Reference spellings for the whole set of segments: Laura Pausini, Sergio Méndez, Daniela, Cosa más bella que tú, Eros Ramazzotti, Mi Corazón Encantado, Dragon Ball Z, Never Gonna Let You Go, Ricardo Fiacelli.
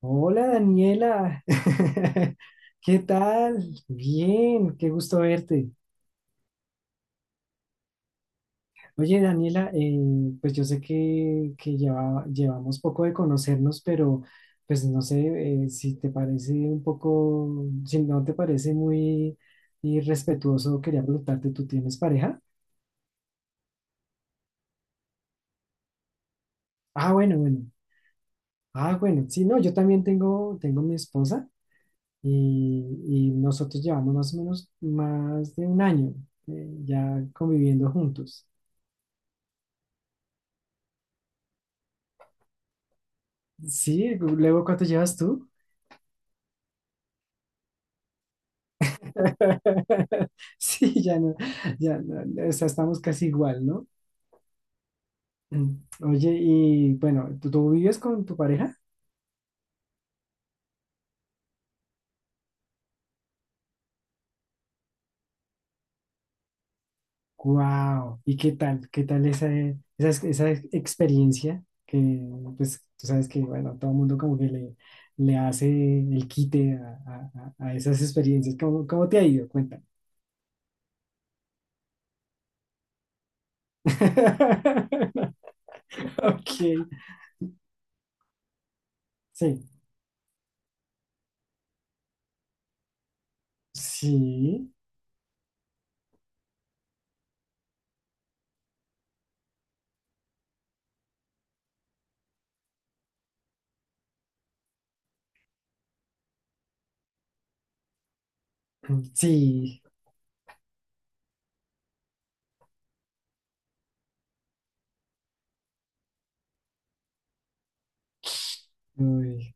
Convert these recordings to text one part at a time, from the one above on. Hola Daniela, ¿qué tal? Bien, qué gusto verte. Oye Daniela, pues yo sé que llevamos poco de conocernos, pero pues no sé si te parece un poco, si no te parece muy irrespetuoso, quería preguntarte, ¿tú tienes pareja? Ah, bueno. Ah, bueno, sí, no, yo también tengo mi esposa y nosotros llevamos más o menos más de un año ya conviviendo juntos. Sí, luego, ¿cuánto llevas tú? Sí, ya no, o sea, estamos casi igual, ¿no? Mm. Oye, y bueno, ¿tú vives con tu pareja? ¡Wow! ¿Y qué tal? ¿Qué tal esa experiencia? Que pues tú sabes que, bueno, todo el mundo como que le hace el quite a esas experiencias. ¿Cómo, cómo te ha ido? Cuéntame. Ok, sí, sí, sí. Uy.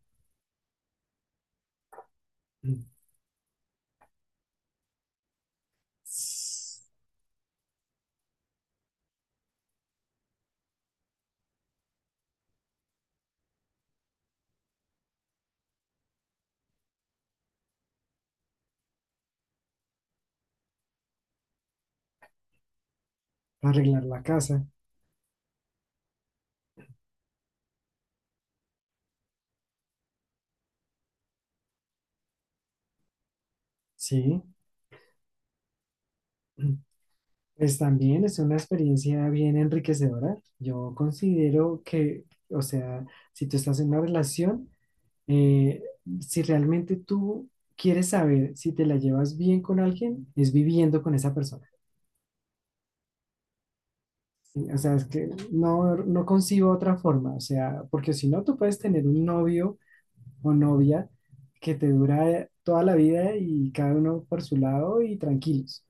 Arreglar la casa, sí. Pues también es una experiencia bien enriquecedora. Yo considero que, o sea, si tú estás en una relación, eh, si realmente tú quieres saber si te la llevas bien con alguien, es viviendo con esa persona. Sí, o sea, es que no, no concibo otra forma. O sea, porque si no, tú puedes tener un novio o novia que te dura toda la vida y cada uno por su lado y tranquilos.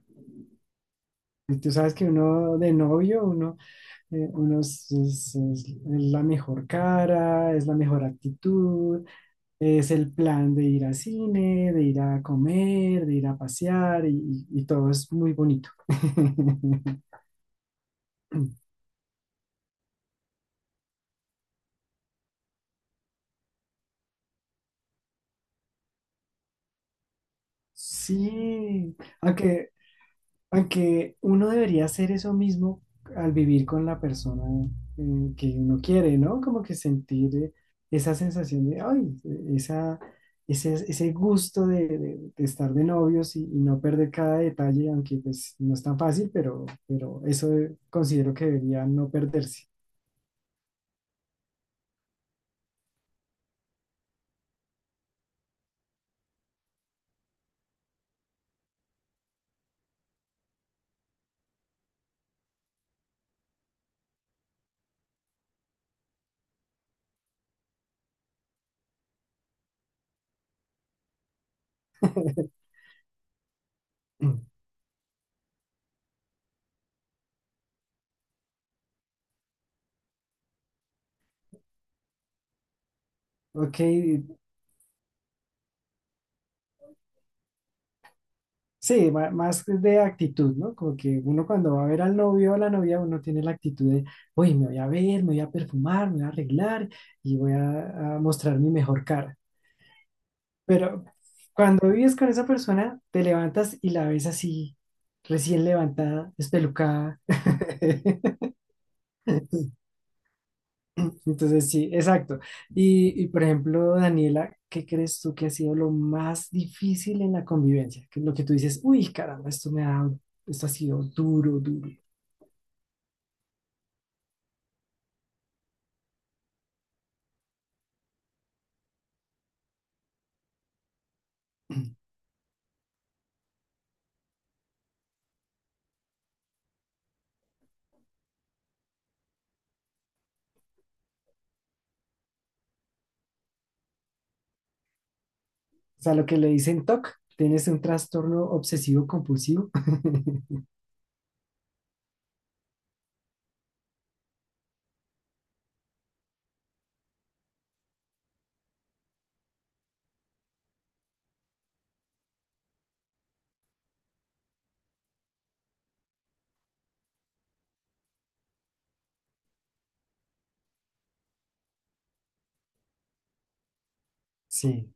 Y tú sabes que uno de novio, uno, uno es la mejor cara, es la mejor actitud, es el plan de ir al cine, de ir a comer, de ir a pasear y todo es muy bonito. Sí, aunque Aunque uno debería hacer eso mismo al vivir con la persona que uno quiere, ¿no? Como que sentir esa sensación de, ay, ese gusto de estar de novios y no perder cada detalle, aunque pues no es tan fácil, pero eso considero que debería no perderse. Ok, sí, más de actitud, ¿no? Como que uno cuando va a ver al novio o a la novia, uno tiene la actitud de, uy, me voy a ver, me voy a perfumar, me voy a arreglar y voy a mostrar mi mejor cara. Pero cuando vives con esa persona, te levantas y la ves así, recién levantada, espelucada. Entonces, sí, exacto. Y por ejemplo, Daniela, ¿qué crees tú que ha sido lo más difícil en la convivencia? Que lo que tú dices, uy, caramba, esto me ha, esto ha sido duro, duro. O sea, lo que le dicen TOC, tienes un trastorno obsesivo compulsivo. Sí,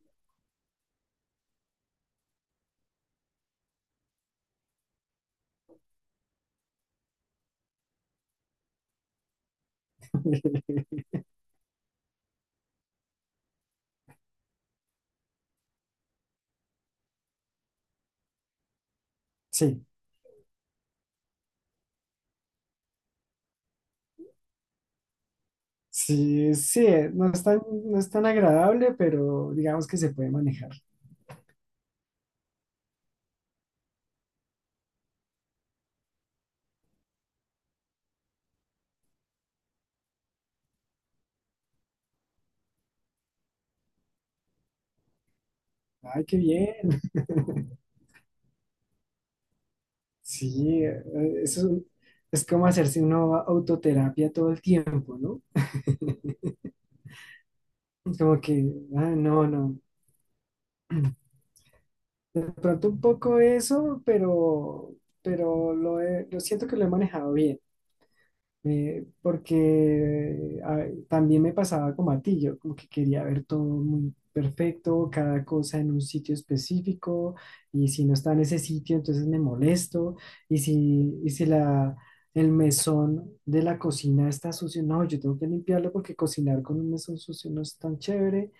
sí, sí, sí, no es tan, no es tan agradable, pero digamos que se puede manejar. Ay, qué bien. Sí, eso es un- es como hacerse una autoterapia todo el tiempo, ¿no? Como que, ah, no, no. De pronto un poco eso, pero, lo siento que lo he manejado bien. También me pasaba como a ti, yo como que quería ver todo muy perfecto, cada cosa en un sitio específico, y si no está en ese sitio, entonces me molesto, y si la, el mesón de la cocina está sucio, no, yo tengo que limpiarlo porque cocinar con un mesón sucio no es tan chévere,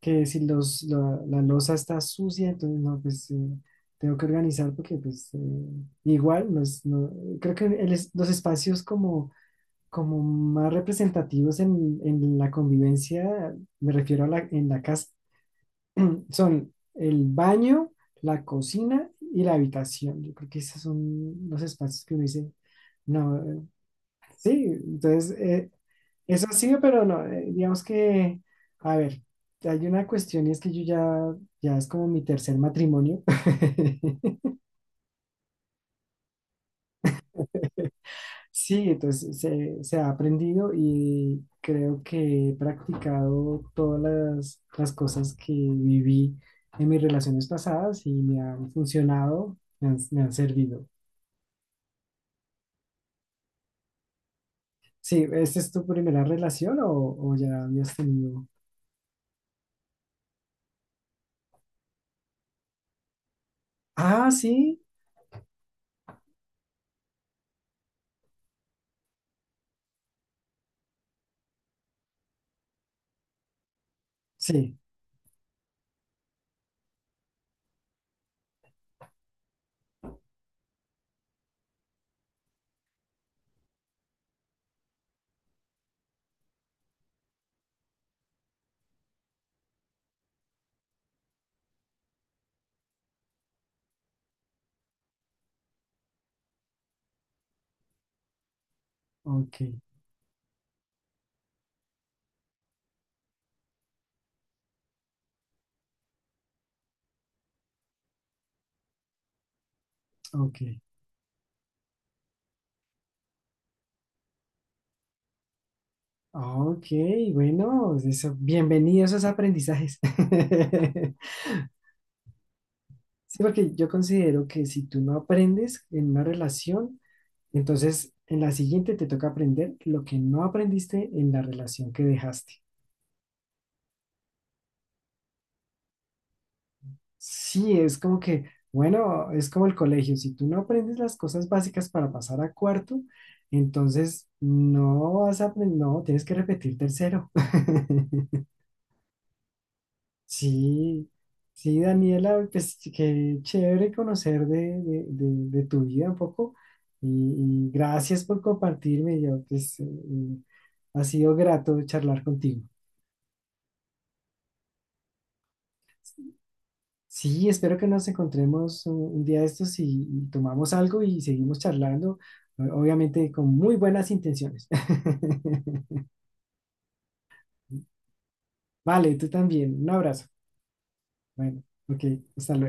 que si los, la loza está sucia, entonces no, tengo que organizar porque pues igual, creo que los espacios como como más representativos en la convivencia, me refiero a en la casa, son el baño, la cocina y la habitación. Yo creo que esos son los espacios que uno dice, no, sí, entonces eso sí, pero no, digamos que, a ver, hay una cuestión y es que yo ya, ya es como mi tercer matrimonio. Sí, entonces se ha aprendido y creo que he practicado todas las cosas que viví en mis relaciones pasadas y me han funcionado, me han servido. Sí, ¿esta es tu primera relación o ya habías tenido? Ah, sí, sí, ok, ok, ok, bueno, eso, bienvenidos a esos aprendizajes. Sí, porque yo considero que si tú no aprendes en una relación, entonces, en la siguiente te toca aprender lo que no aprendiste en la relación que dejaste. Sí, es como que, bueno, es como el colegio. Si tú no aprendes las cosas básicas para pasar a cuarto, entonces no vas a aprender, no, tienes que repetir tercero. Sí, sí, Daniela, pues qué chévere conocer de tu vida un poco y gracias por compartirme. Yo, pues, ha sido grato charlar contigo. Sí, espero que nos encontremos un día de estos y tomamos algo y seguimos charlando, obviamente con muy buenas intenciones. Vale, tú también. Un abrazo. Bueno, ok, hasta luego.